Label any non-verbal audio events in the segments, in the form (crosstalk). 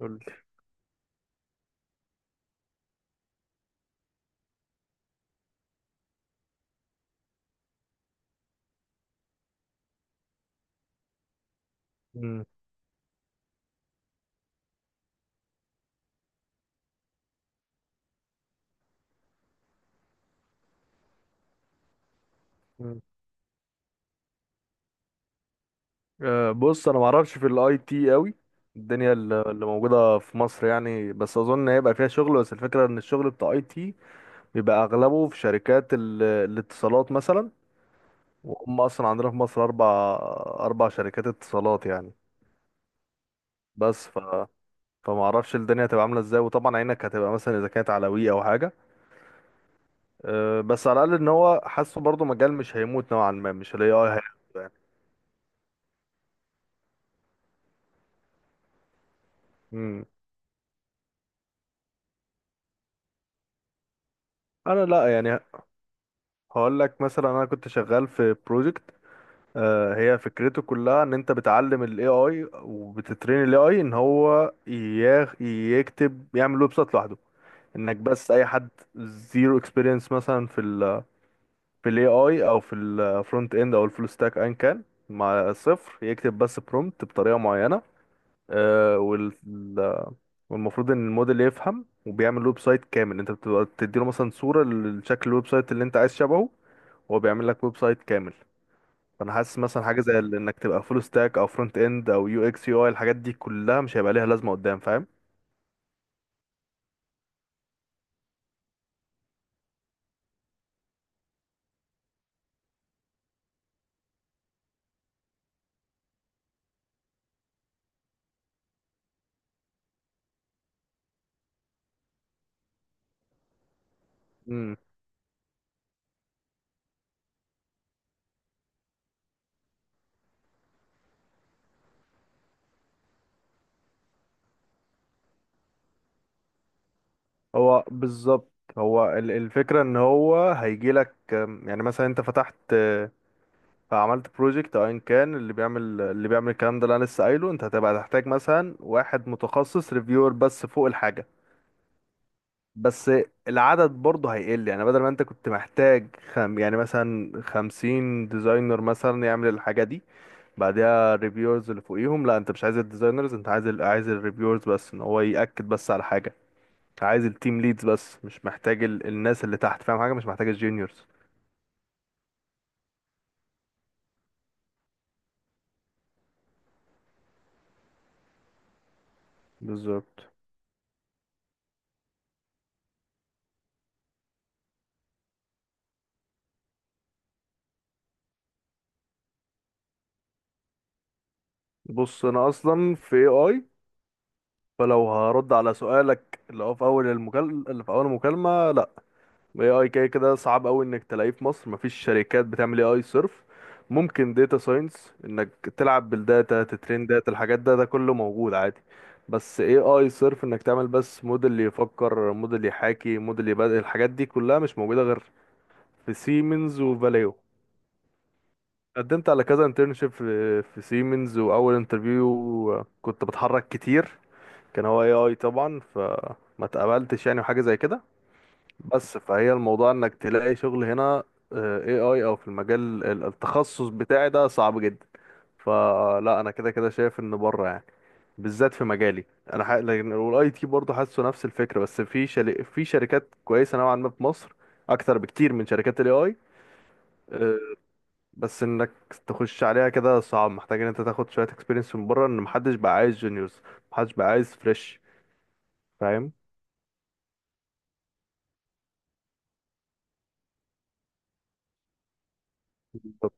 قول لي. مم. مم. بص انا ما اعرفش في الاي تي قوي الدنيا اللي موجوده في مصر يعني، بس اظن هيبقى فيها شغل، بس الفكره ان الشغل بتاع اي تي بيبقى اغلبه في شركات الاتصالات مثلا، وهم اصلا عندنا في مصر اربع شركات اتصالات يعني. بس فما اعرفش الدنيا هتبقى عامله ازاي، وطبعا عينك هتبقى مثلا اذا كانت على وي او حاجه. بس على الاقل ان هو حاسه برضه مجال مش هيموت نوعا ما، مش الاي اي هيموت يعني. مم. انا لا يعني. هقول لك مثلا، انا كنت شغال في بروجكت هي فكرته كلها ان انت بتعلم الاي اي وبتترين الاي اي ان هو يكتب، يعمل ويب سايت لوحده. انك بس اي حد زيرو اكسبيرينس مثلا في في الاي اي او في الفرونت اند او الفول ستاك ايا كان، مع صفر، يكتب بس برومبت بطريقه معينه، آه، وال- والمفروض ان الموديل يفهم وبيعمل ويب سايت كامل. انت بتبقى بتديله مثلا صوره لشكل الويب سايت اللي انت عايز شبهه، وهو بيعمل لك ويب سايت كامل. فانا حاسس مثلا حاجه زي انك تبقى فول ستاك او فرونت اند او يو اكس يو اي، الحاجات دي كلها مش هيبقى ليها لازمه قدام، فاهم. امم. هو بالظبط، هو الفكره ان هو هيجي لك. يعني مثلا انت فتحت عملت بروجكت او ان كان اللي بيعمل اللي بيعمل الكلام ده اللي انا لسه قايله، انت هتبقى تحتاج مثلا واحد متخصص ريفيور بس فوق الحاجه، بس العدد برضه هيقل. يعني بدل ما انت كنت محتاج خم يعني مثلا 50 ديزاينر مثلا يعمل الحاجه دي، بعديها الريفيورز اللي فوقيهم، لا، انت مش عايز الديزاينرز، انت عايز عايز الريفيورز بس ان هو يأكد بس على حاجة. عايز التيم ليدز بس، مش محتاج الناس اللي تحت، فاهم حاجة، مش محتاج الجونيورز. بالظبط. بص، انا اصلا في اي اي، فلو هرد على سؤالك اللي هو في اللي في اول المكالمة، لا، اي اي كده كده صعب قوي انك تلاقيه في مصر. مفيش شركات بتعمل اي اي صرف. ممكن داتا ساينس، انك تلعب بالداتا، تترين داتا، الحاجات ده كله موجود عادي. بس اي اي صرف انك تعمل بس موديل يفكر، موديل يحاكي، موديل يبدأ، الحاجات دي كلها مش موجودة غير في سيمنز وفاليو. قدمت على كذا انترنشيب في سيمنز، واول انترفيو كنت بتحرك كتير كان هو اي اي طبعا، فما اتقبلتش يعني، وحاجة زي كده. بس فهي الموضوع انك تلاقي شغل هنا اي اي او في المجال التخصص بتاعي ده صعب جدا. فلا، انا كده كده شايف ان بره يعني، بالذات في مجالي. لكن والاي تي برضه حاسه نفس الفكره، بس في في شركات كويسه نوعا ما في مصر، اكتر بكتير من شركات الاي اي. بس انك تخش عليها كده صعب، محتاج ان انت تاخد شويه اكسبيرينس من بره، ان محدش بقى عايز جونيورز، محدش بقى عايز فريش، فاهم. طب.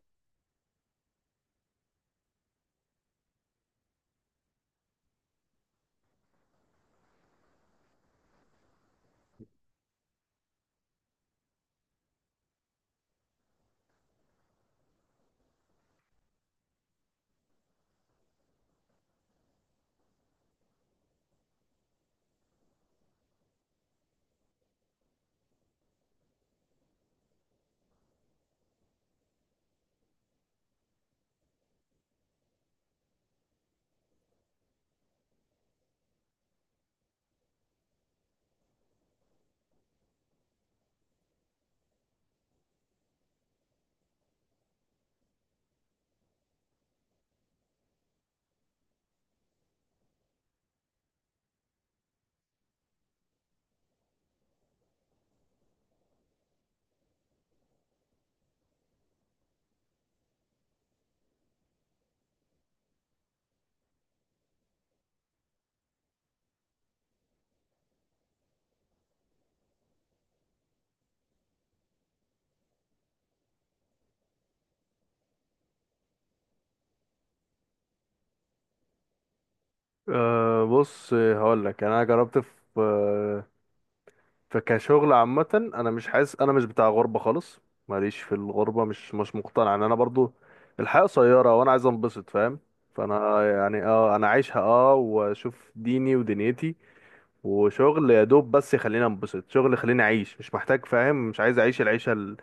بص، هقول لك، انا جربت في فكشغل عامة انا مش حاسس، انا مش بتاع غربة خالص، ماليش في الغربة، مش مقتنع ان انا برضو الحياة قصيرة وانا عايز انبسط، فاهم. فانا يعني انا عايشها، واشوف ديني ودنيتي، وشغل يا دوب بس يخليني انبسط، شغل يخليني اعيش، مش محتاج، فاهم، مش عايز اعيش العيشة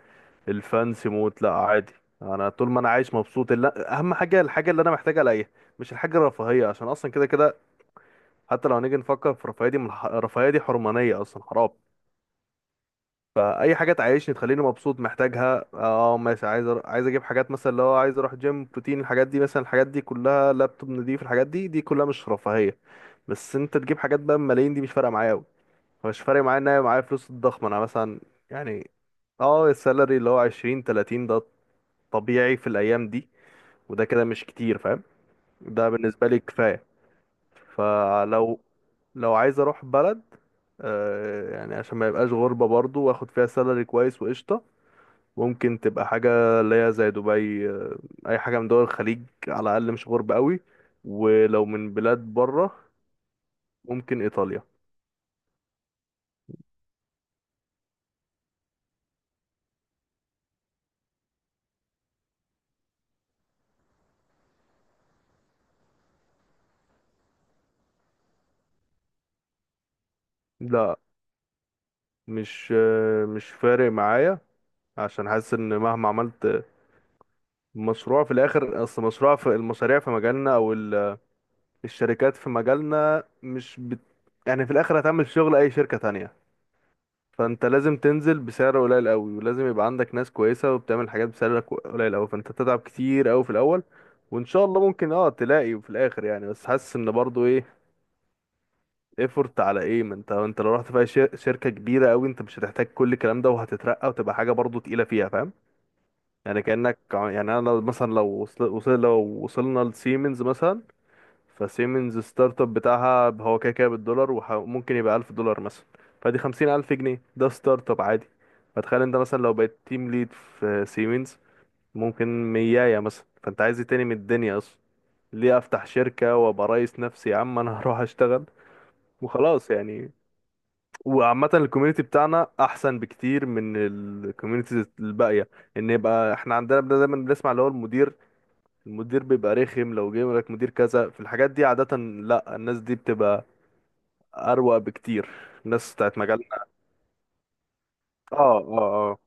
الفانسي موت، لا، عادي. انا طول ما انا عايش مبسوط، لا، اهم حاجة الحاجة اللي انا محتاج الاقيها، مش الحاجة الرفاهية، عشان اصلا كده كده، حتى لو هنيجي نفكر في الرفاهية دي من الرفاهية دي حرمانية اصلا، حرام. اي حاجه تعيشني تخليني مبسوط محتاجها، ماشي، عايز عايز اجيب حاجات مثلا اللي هو عايز اروح جيم، بروتين، الحاجات دي، مثلا الحاجات دي كلها، لابتوب نضيف، الحاجات دي كلها مش رفاهيه. بس انت تجيب حاجات بقى بملايين، دي مش فارقه معايا قوي، مش فارق معايا ان انا معايا فلوس الضخمه. انا مثلا يعني، اه السالري اللي هو 20 30 ده طبيعي في الايام دي، وده كده مش كتير، فاهم، ده بالنسبه لي كفايه. فلو عايز اروح بلد، يعني عشان ما يبقاش غربة، برضو واخد فيها سالري كويس وقشطة، ممكن تبقى حاجة اللي هي زي دبي، أي حاجة من دول الخليج، على الأقل مش غرب قوي. ولو من بلاد بره، ممكن إيطاليا. لا، مش فارق معايا، عشان حاسس إن مهما عملت مشروع في الآخر، أصل مشروع، في المشاريع في مجالنا أو الشركات في مجالنا مش بت... يعني في الآخر هتعمل شغل أي شركة تانية. فانت لازم تنزل بسعر قليل قوي، ولازم يبقى عندك ناس كويسه وبتعمل حاجات بسعر قليل قوي، فانت تتعب كتير قوي في الاول، وان شاء الله ممكن تلاقي في الاخر يعني. بس حاسس ان برضو ايه ايفورت على ايه، ما انت لو رحت في أي شركه كبيره قوي انت مش هتحتاج كل الكلام ده، وهتترقى وتبقى حاجه برضو تقيله فيها، فاهم. يعني كانك يعني انا مثلا لو لو وصلنا لسيمنز مثلا، فسيمنز ستارت اب بتاعها هو كده كده بالدولار، وممكن يبقى 1000 دولار مثلا، فدي 50000 جنيه، ده ستارت اب عادي. فتخيل انت مثلا لو بقيت تيم ليد في سيمنز، ممكن 100 مثلا، فانت عايز ايه تاني من الدنيا اصلا؟ ليه افتح شركة وابقى رئيس نفسي يا عم، انا (laughs) هروح اشتغل وخلاص يعني. وعامة الكوميونتي بتاعنا احسن بكتير من الكوميونتيز الباقية، ان يبقى احنا عندنا دايما بنسمع اللي هو المدير، بيبقى رخم لو جه يقول لك مدير كذا، في الحاجات دي عادة، لا، الناس دي بتبقى اروق بكتير، الناس بتاعت مجالنا. اه، اه، اه،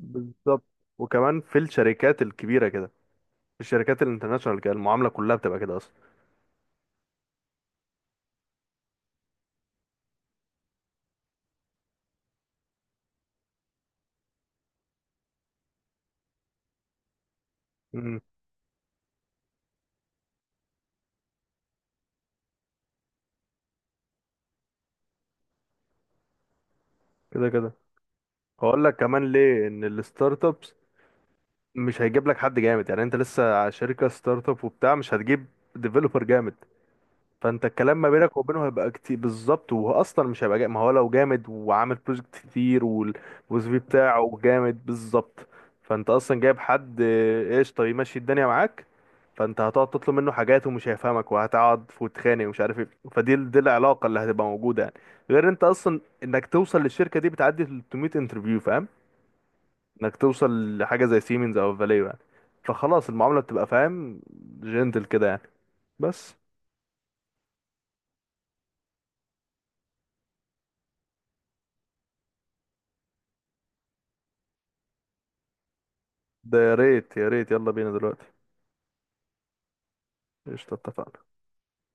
بالظبط. وكمان في الشركات الكبيره كده، في الشركات الانترناشونال كده المعامله كلها بتبقى كده اصلا. امم. كده كده هقول لك كمان ليه، ان الستارت ابس مش هيجيب لك حد جامد يعني، انت لسه شركه ستارت اب وبتاع، مش هتجيب ديفلوبر جامد، فانت الكلام ما بينك وبينه هيبقى كتير بالظبط. وهو اصلا مش هيبقى جامد، ما هو لو جامد وعامل بروجكت كتير والسي في بتاعه جامد بالظبط، فانت اصلا جايب حد قشطه يمشي الدنيا معاك، فانت هتقعد تطلب منه حاجات ومش هيفهمك وهتقعد وتتخانق ومش عارف ايه، دي العلاقه اللي هتبقى موجوده يعني. غير انت اصلا انك توصل للشركه دي بتعدي 300 انترفيو، فاهم، انك توصل لحاجه زي سيمنز او فاليو يعني، فخلاص المعامله بتبقى، فاهم، جنتل كده يعني. بس ده يا ريت، يا ريت، يلا بينا دلوقتي. قشطة، اتفقنا.